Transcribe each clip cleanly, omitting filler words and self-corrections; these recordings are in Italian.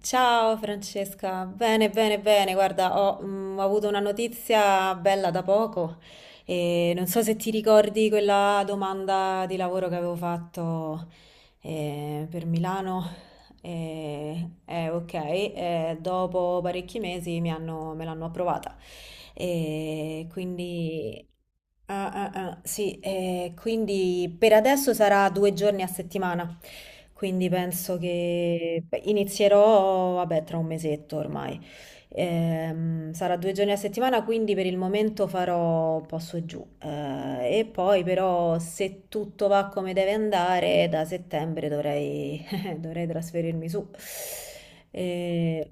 Ciao Francesca, bene, bene, bene. Guarda, ho avuto una notizia bella da poco e non so se ti ricordi quella domanda di lavoro che avevo fatto per Milano. Ok, e dopo parecchi mesi me l'hanno approvata. E quindi, sì, e quindi per adesso sarà due giorni a settimana. Quindi penso che beh, inizierò, vabbè, tra un mesetto ormai. Sarà due giorni a settimana, quindi per il momento farò un po' su e giù. E poi però se tutto va come deve andare, da settembre dovrei trasferirmi su. Eh,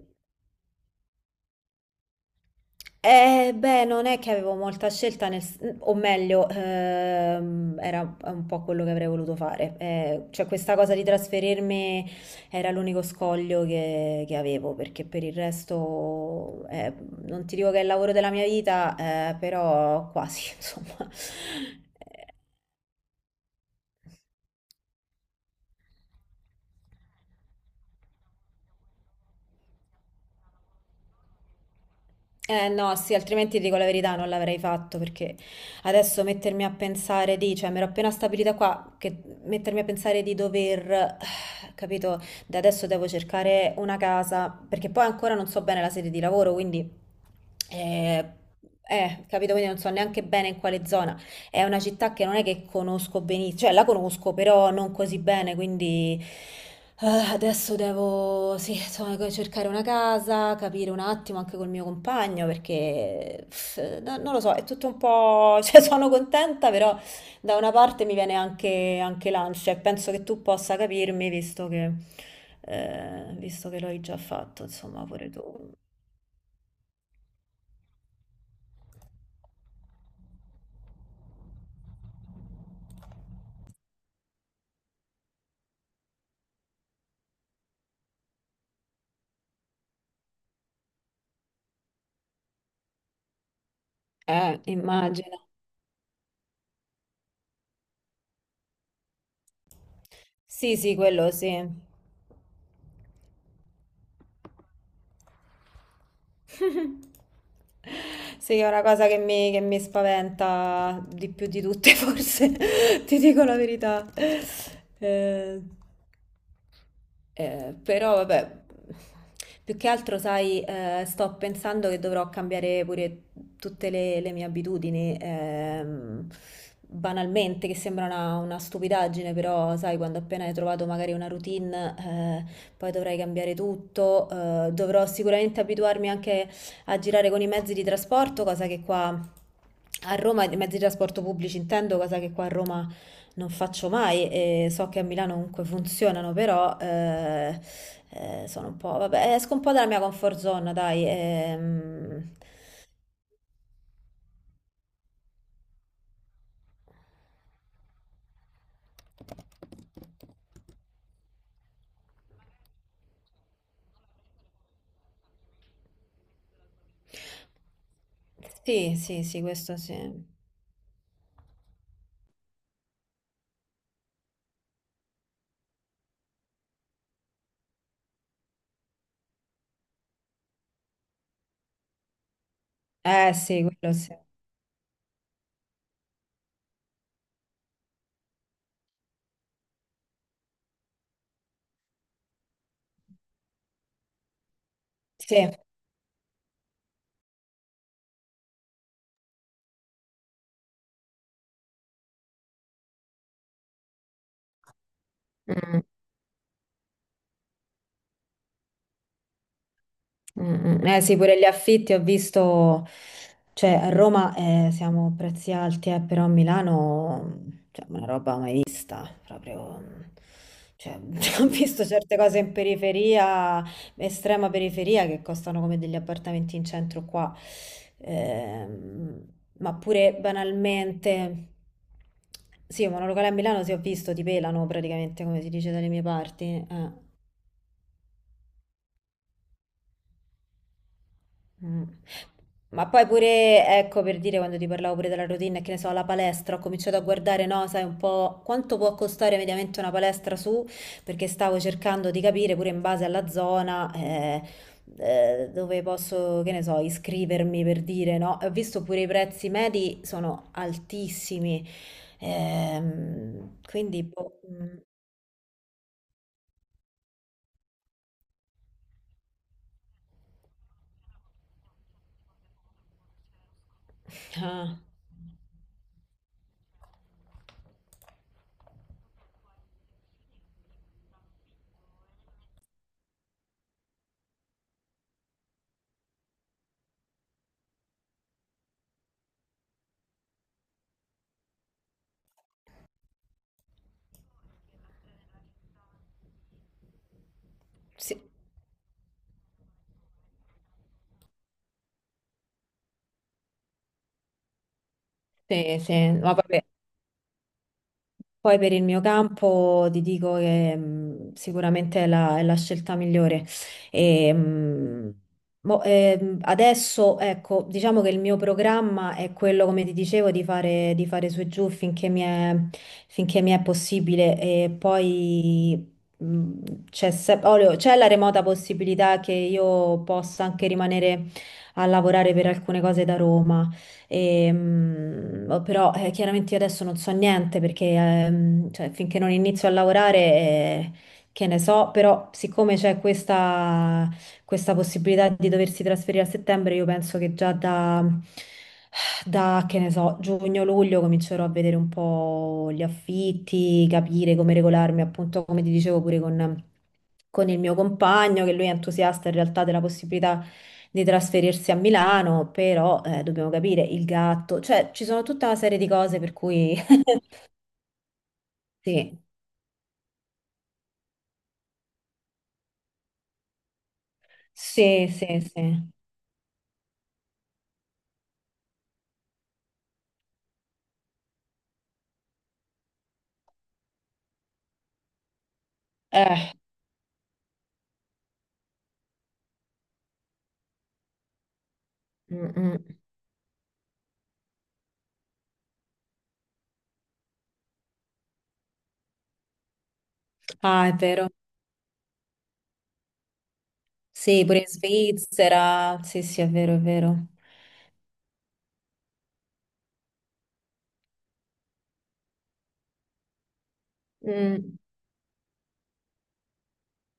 Beh, non è che avevo molta scelta, o meglio, era un po' quello che avrei voluto fare. Cioè, questa cosa di trasferirmi era l'unico scoglio che avevo, perché per il resto, non ti dico che è il lavoro della mia vita, però quasi, insomma. Eh no, sì, altrimenti ti dico la verità, non l'avrei fatto perché adesso mettermi a pensare di, cioè mi ero appena stabilita qua, che mettermi a pensare di dover, capito, da adesso devo cercare una casa, perché poi ancora non so bene la sede di lavoro, quindi, eh, capito, quindi non so neanche bene in quale zona. È una città che non è che conosco benissimo, cioè la conosco, però non così bene, quindi eh, adesso devo, sì, insomma, cercare una casa, capire un attimo anche col mio compagno perché pff, non lo so, è tutto un po', cioè sono contenta, però da una parte mi viene anche, anche l'ansia e penso che tu possa capirmi visto che l'hai già fatto, insomma, pure tu. Immagino. Sì, sì, quello sì. Sì, è una cosa che che mi spaventa di più di tutte, forse, ti dico la verità. Eh, Però, vabbè, più che altro, sai, sto pensando che dovrò cambiare pure le mie abitudini, banalmente, che sembra una stupidaggine, però, sai, quando appena hai trovato magari una routine, poi dovrai cambiare tutto, dovrò sicuramente abituarmi anche a girare con i mezzi di trasporto, cosa che qua a Roma, i mezzi di trasporto pubblici intendo, cosa che qua a Roma non faccio mai e so che a Milano comunque funzionano, però sono un po', vabbè, esco un po' dalla mia comfort zone, dai. Sì, sì, sì, questo sì. Eh sì, quello sì. Sì. Mm. Mm, mm. Eh sì, pure gli affitti ho visto, cioè a Roma siamo a prezzi alti, però a Milano cioè, una roba mai vista, proprio, cioè, ho visto certe cose in periferia, estrema periferia, che costano come degli appartamenti in centro qua. Ehm, ma pure banalmente, sì, un monolocale a Milano sì ho visto, ti pelano praticamente, come si dice dalle mie parti, eh. Mm. Ma poi pure, ecco, per dire quando ti parlavo pure della routine, che ne so, la palestra, ho cominciato a guardare, no, sai, un po' quanto può costare mediamente una palestra su, perché stavo cercando di capire pure in base alla zona, dove posso, che ne so, iscrivermi per dire, no? Ho visto pure i prezzi medi sono altissimi, quindi, boh, mm, ah, sì, sì, sì, ma vabbè. Poi per il mio campo ti dico che sicuramente è è la scelta migliore. E, adesso, ecco, diciamo che il mio programma è quello, come ti dicevo, di fare su e giù finché finché mi è possibile. E poi c'è se- olio- c'è la remota possibilità che io possa anche rimanere a lavorare per alcune cose da Roma. Oh, però chiaramente io adesso non so niente perché cioè, finché non inizio a lavorare, che ne so, però siccome c'è questa possibilità di doversi trasferire a settembre, io penso che già da che ne so, giugno-luglio comincerò a vedere un po' gli affitti, capire come regolarmi, appunto come ti dicevo pure con... con il mio compagno, che lui è entusiasta in realtà della possibilità di trasferirsi a Milano, però dobbiamo capire il gatto, cioè ci sono tutta una serie di cose per cui sì, sì, sì, sì. Eh, mm, mm. Ah, è vero. Sì, pure in Svizzera. Sì, sì, è vero, è vero. Mm.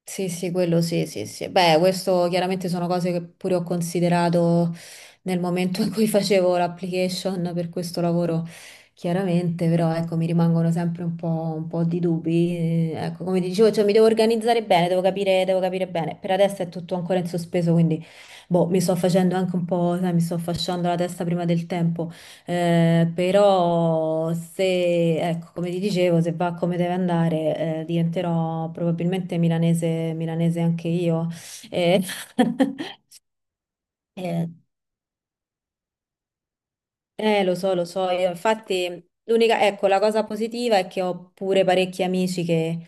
Sì, sì, quello sì, sì, sì. Beh, questo chiaramente sono cose che pure ho considerato nel momento in cui facevo l'application per questo lavoro, chiaramente, però ecco, mi rimangono sempre un po' di dubbi. Ecco, come ti dicevo, cioè, mi devo organizzare bene, devo capire bene. Per adesso è tutto ancora in sospeso, quindi boh, mi sto facendo anche un po', sai, mi sto fasciando la testa prima del tempo. Però se, ecco, come ti dicevo, se va come deve andare, diventerò probabilmente milanese anche io. Eh, eh, lo so, lo so. Io, infatti, l'unica, ecco, la cosa positiva è che ho pure parecchi amici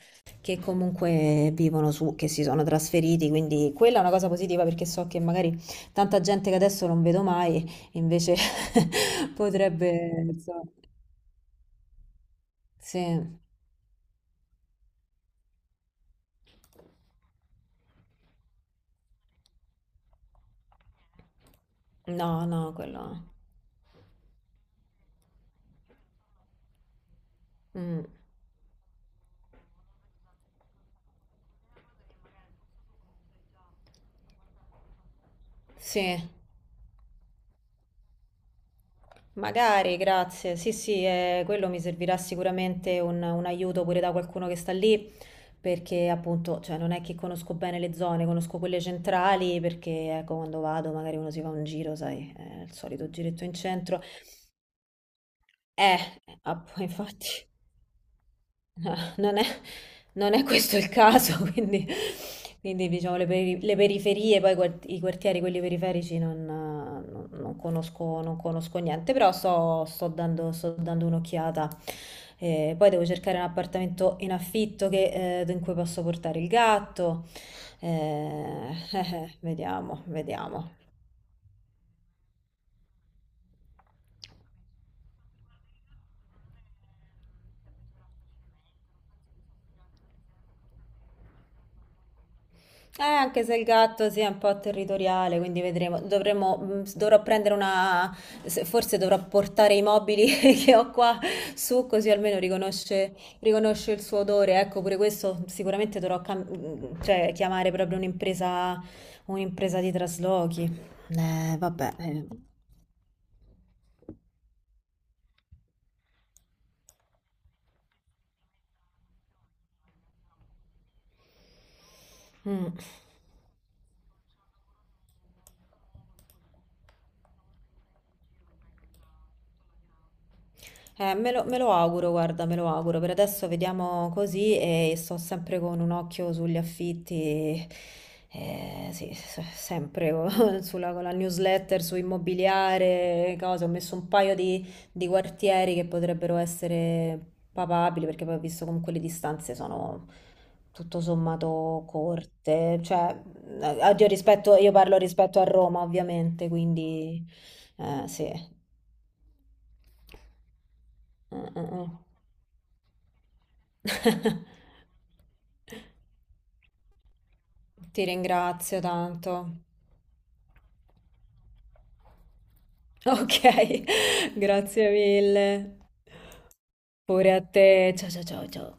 che comunque vivono su, che si sono trasferiti, quindi quella è una cosa positiva perché so che magari tanta gente che adesso non vedo mai, invece potrebbe, so, sì. No, no, quello... mm. Sì, magari, grazie. Sì, sì, quello mi servirà sicuramente un aiuto pure da qualcuno che sta lì, perché appunto, cioè, non è che conosco bene le zone, conosco quelle centrali, perché ecco, quando vado magari uno si fa un giro, sai, il solito giretto in centro. Eh, infatti, No, non è, non è questo il caso, quindi, diciamo le periferie, poi i quartieri, quelli periferici, non, non conosco, non conosco niente, però sto dando un'occhiata. Poi devo cercare un appartamento in affitto che, in cui posso portare il gatto. Eh, vediamo, vediamo. Anche se il gatto sia un po' territoriale, quindi vedremo. Dovremo, dovrò prendere una, se- forse dovrò portare i mobili che ho qua su, così almeno riconosce il suo odore. Ecco, pure questo sicuramente cioè, chiamare proprio un'impresa di traslochi. Vabbè. Mm. Me lo auguro, guarda, me lo auguro. Per adesso vediamo così e sto sempre con un occhio sugli affitti, sì, sempre con sulla, con la newsletter, su immobiliare, cose. Ho messo un paio di quartieri che potrebbero essere papabili, perché poi ho visto comunque le distanze sono tutto sommato corte. Cioè, oddio, rispetto, io parlo rispetto a Roma, ovviamente, quindi sì. Mm, mm, mm. Ti ringrazio tanto. Ok, grazie mille. Pure a te. Ciao ciao ciao ciao.